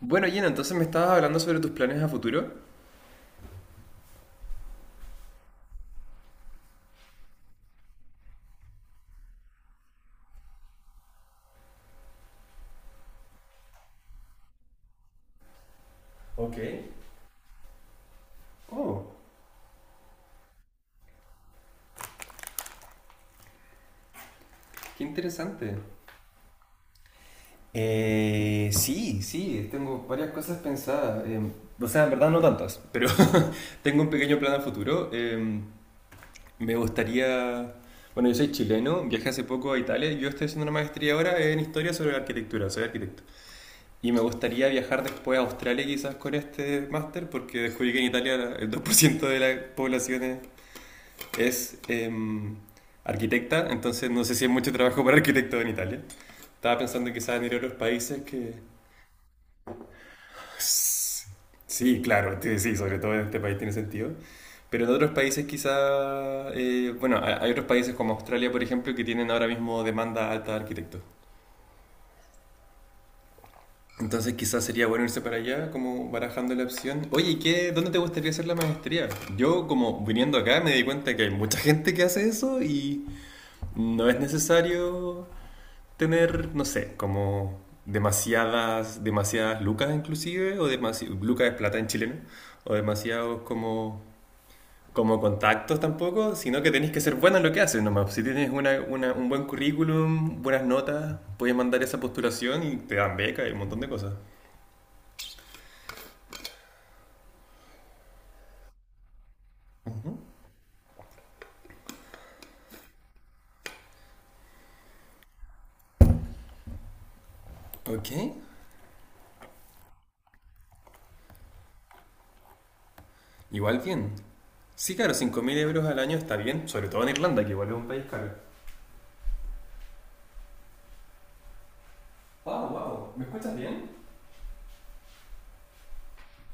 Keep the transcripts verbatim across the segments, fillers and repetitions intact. Bueno, Gina, entonces me estabas hablando sobre tus planes a futuro. Ok. Oh, qué interesante. Eh, sí, sí, tengo varias cosas pensadas. Eh, o sea, en verdad no tantas, pero tengo un pequeño plan a futuro. Eh, me gustaría... Bueno, yo soy chileno, viajé hace poco a Italia y yo estoy haciendo una maestría ahora en historia sobre la arquitectura, soy arquitecto. Y me gustaría viajar después a Australia quizás con este máster porque descubrí que en Italia el dos por ciento de la población es es eh, arquitecta, entonces no sé si hay mucho trabajo para arquitectos en Italia. Estaba pensando quizás en ir a otros países que... Sí, claro, t- sí, sobre todo en este país tiene sentido. Pero en otros países quizá... eh, bueno, hay hay otros países como Australia, por ejemplo, que tienen ahora mismo demanda alta de arquitectos. Entonces quizás sería bueno irse para allá, como barajando la opción. Oye, ¿y ¿qué, dónde te gustaría hacer la maestría? Yo como viniendo acá me di cuenta que hay mucha gente que hace eso y no es necesario tener, no sé, como demasiadas, demasiadas lucas inclusive, o demasi lucas es plata en chileno, o demasiados como, como contactos tampoco, sino que tenés que ser buena en lo que haces nomás. Si tienes una, una- un buen currículum, buenas notas, puedes mandar esa postulación y te dan beca y un montón de cosas. Ok, igual bien. Sí, claro, cinco mil euros al año está bien, sobre todo en Irlanda, que igual es un país caro. Wow, wow, ¿me escuchas bien?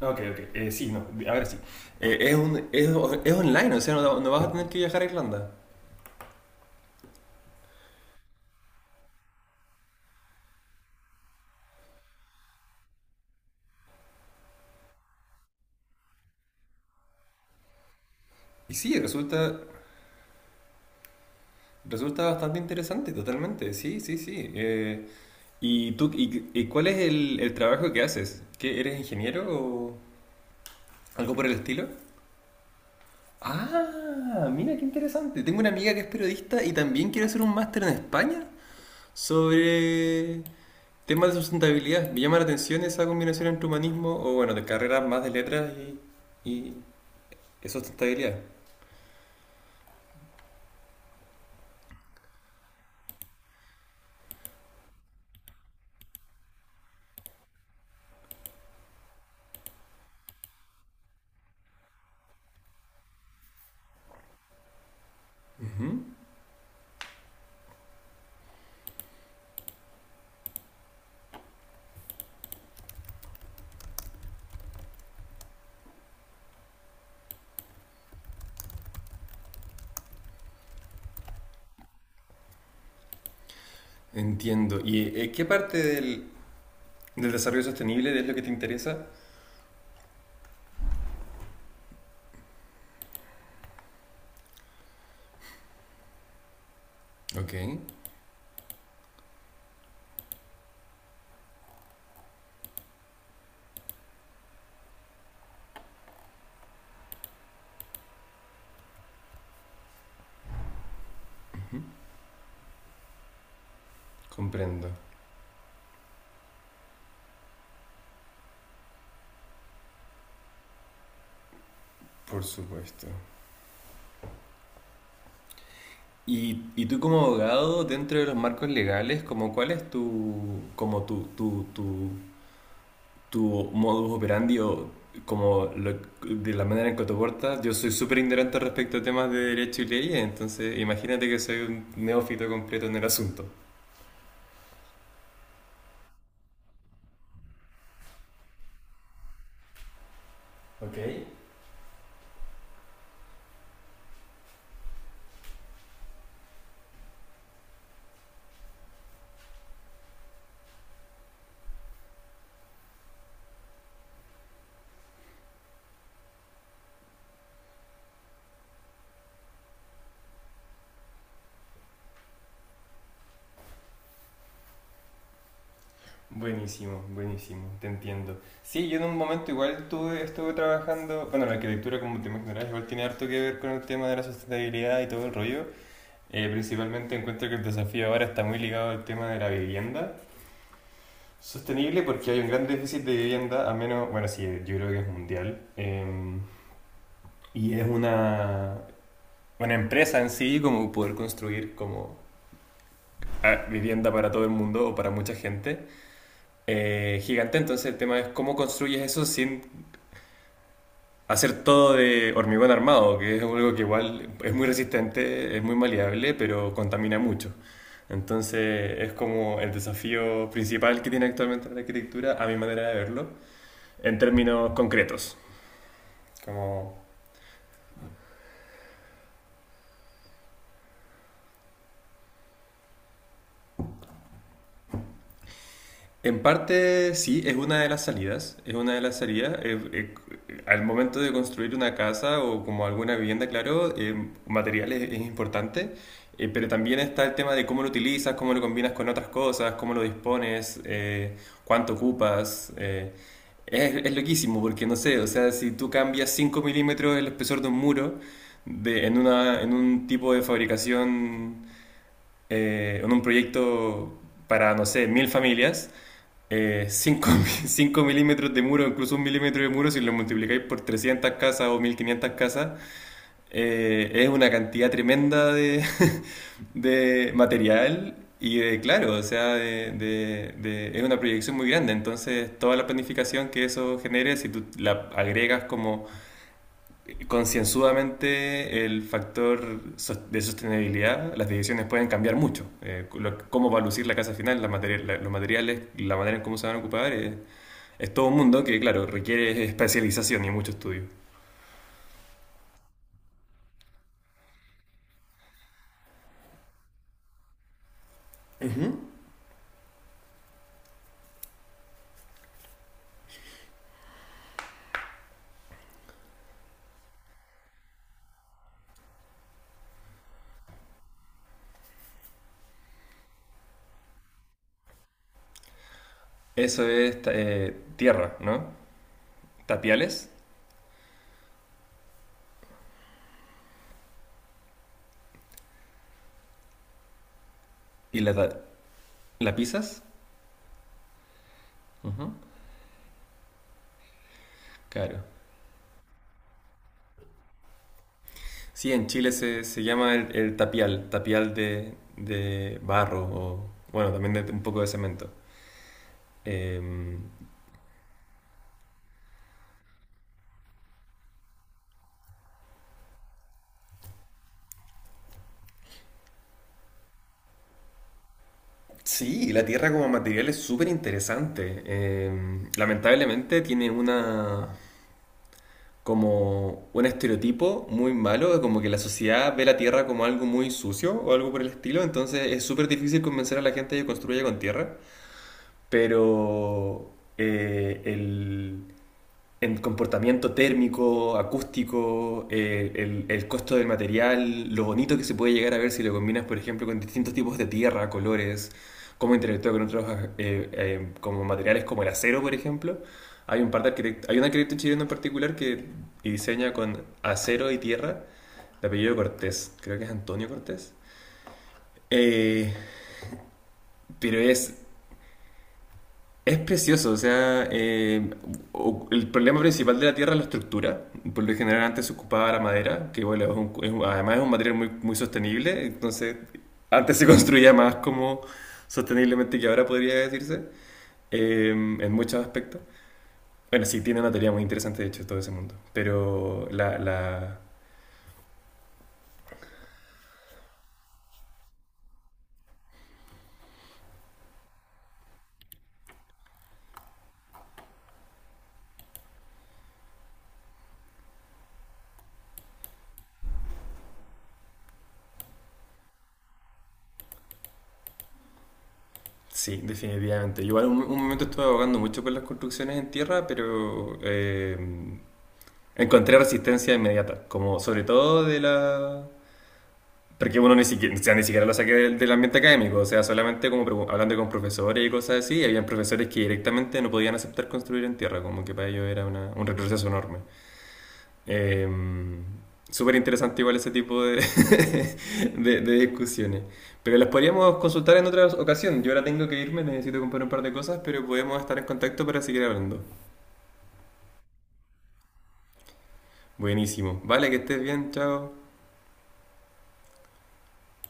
Ok, ok. Eh, sí, no, ahora sí. Eh, es, un- es, es online, o sea, no, no vas a tener que viajar a Irlanda. Y sí, resulta, resulta bastante interesante, totalmente. Sí, sí, sí. Eh, ¿y tú, y, y cuál es el, el trabajo que haces? ¿Qué, eres ingeniero o algo por el estilo? Ah, mira qué interesante. Tengo una amiga que es periodista y también quiere hacer un máster en España. Sobre temas de sustentabilidad, me llama la atención esa combinación entre humanismo o, bueno, de carreras más de letras y, y y sustentabilidad. Entiendo. ¿Y eh, qué parte del, del desarrollo sostenible es lo que te interesa? Ok, comprendo, por supuesto. ¿Y, y tú como abogado, dentro de los marcos legales, como cuál es tu, como tu, tu, tu tu modus operandi o como lo- de la manera en que te portas. Yo soy súper ignorante respecto a temas de derecho y leyes, entonces imagínate que soy un neófito completo en el asunto. Ok. Buenísimo, buenísimo, te entiendo. Sí, yo en un momento igual tuve, estuve trabajando, bueno, la arquitectura como te imaginarás igual tiene harto que ver con el tema de la sustentabilidad y todo el rollo. Eh, principalmente encuentro que el desafío ahora está muy ligado al tema de la vivienda sostenible porque hay un gran déficit de vivienda, a menos, bueno, sí, yo creo que es mundial. Eh, y es una, una empresa en sí, como poder construir como ah, vivienda para todo el mundo o para mucha gente eh, gigante. Entonces el tema es cómo construyes eso sin hacer todo de hormigón armado, que es algo que igual es muy resistente, es muy maleable, pero contamina mucho. Entonces es como el desafío principal que tiene actualmente la arquitectura, a mi manera de verlo. En términos concretos. Como... En parte sí, es una de las salidas, es una de las salidas. Eh, eh, al momento de construir una casa o como alguna vivienda, claro, eh, materiales es importante, eh, pero también está el tema de cómo lo utilizas, cómo lo combinas con otras cosas, cómo lo dispones, eh, cuánto ocupas. eh. es, es loquísimo porque no sé, o sea, si tú cambias cinco milímetros el espesor de un muro de, en, una, en un tipo de fabricación eh, en un proyecto para, no sé, mil familias, eh, cinco mi- cinco milímetros de muro, incluso un milímetro de muro, si lo multiplicáis por trescientas casas o mil quinientas casas, eh, es una cantidad tremenda de, de material y de, claro, o sea, de, de- de- es una proyección muy grande. Entonces, toda la planificación que eso genere, si tú la agregas como concienzudamente el factor sos- de sostenibilidad, las decisiones pueden cambiar mucho. Eh, lo- cómo va a lucir la casa final, la materi- la- los materiales, la manera en cómo se van a ocupar, eh, es todo un mundo que, claro, requiere especialización y mucho estudio. Eso es ta- eh, tierra, ¿no? Tapiales y la, ta- la pisas. Ujú, claro. Sí, en Chile se, se llama el, el tapial, tapial de, de barro o, bueno, también de, un poco de cemento. Em, Sí, la Tierra como material es súper interesante. Eh, lamentablemente tiene una como un estereotipo muy malo, de como que la sociedad ve la Tierra como algo muy sucio o algo por el estilo, entonces es súper difícil convencer a la gente de que construya con tierra. Pero eh, el, en comportamiento térmico, acústico, eh, el, el costo del material, lo bonito que se puede llegar a ver si lo combinas, por ejemplo, con distintos tipos de tierra, colores, cómo interactúa con otros eh, eh, como materiales como el acero, por ejemplo. Hay un par de arquitect- hay un arquitecto chileno en particular que diseña con acero y tierra, de apellido Cortés, creo que es Antonio Cortés. Eh, pero es Es precioso, o sea, eh, o- el problema principal de la tierra es la estructura. Por lo general antes se ocupaba la madera, que bueno, es un- es un- además es un material muy, muy sostenible, entonces antes se construía más como sosteniblemente que ahora podría decirse, eh, en muchos aspectos. Bueno, sí, tiene una teoría muy interesante de hecho todo ese mundo, pero la, la- sí, definitivamente. Yo igual un, un momento estuve abogando mucho por las construcciones en tierra, pero... eh, Encontré resistencia inmediata, como sobre todo de la... Porque uno ni siquiera, o sea, ni siquiera lo saqué del, del ambiente académico, o sea, solamente como pregun- hablando con profesores y cosas así, y habían profesores que directamente no podían aceptar construir en tierra, como que para ellos era una- un retroceso enorme. Eh, Súper interesante igual ese tipo de, de, de discusiones. Pero las podríamos consultar en otra ocasión. Yo ahora tengo que irme, necesito comprar un par de cosas, pero podemos estar en contacto para seguir hablando. Buenísimo. Vale, que estés bien, chao.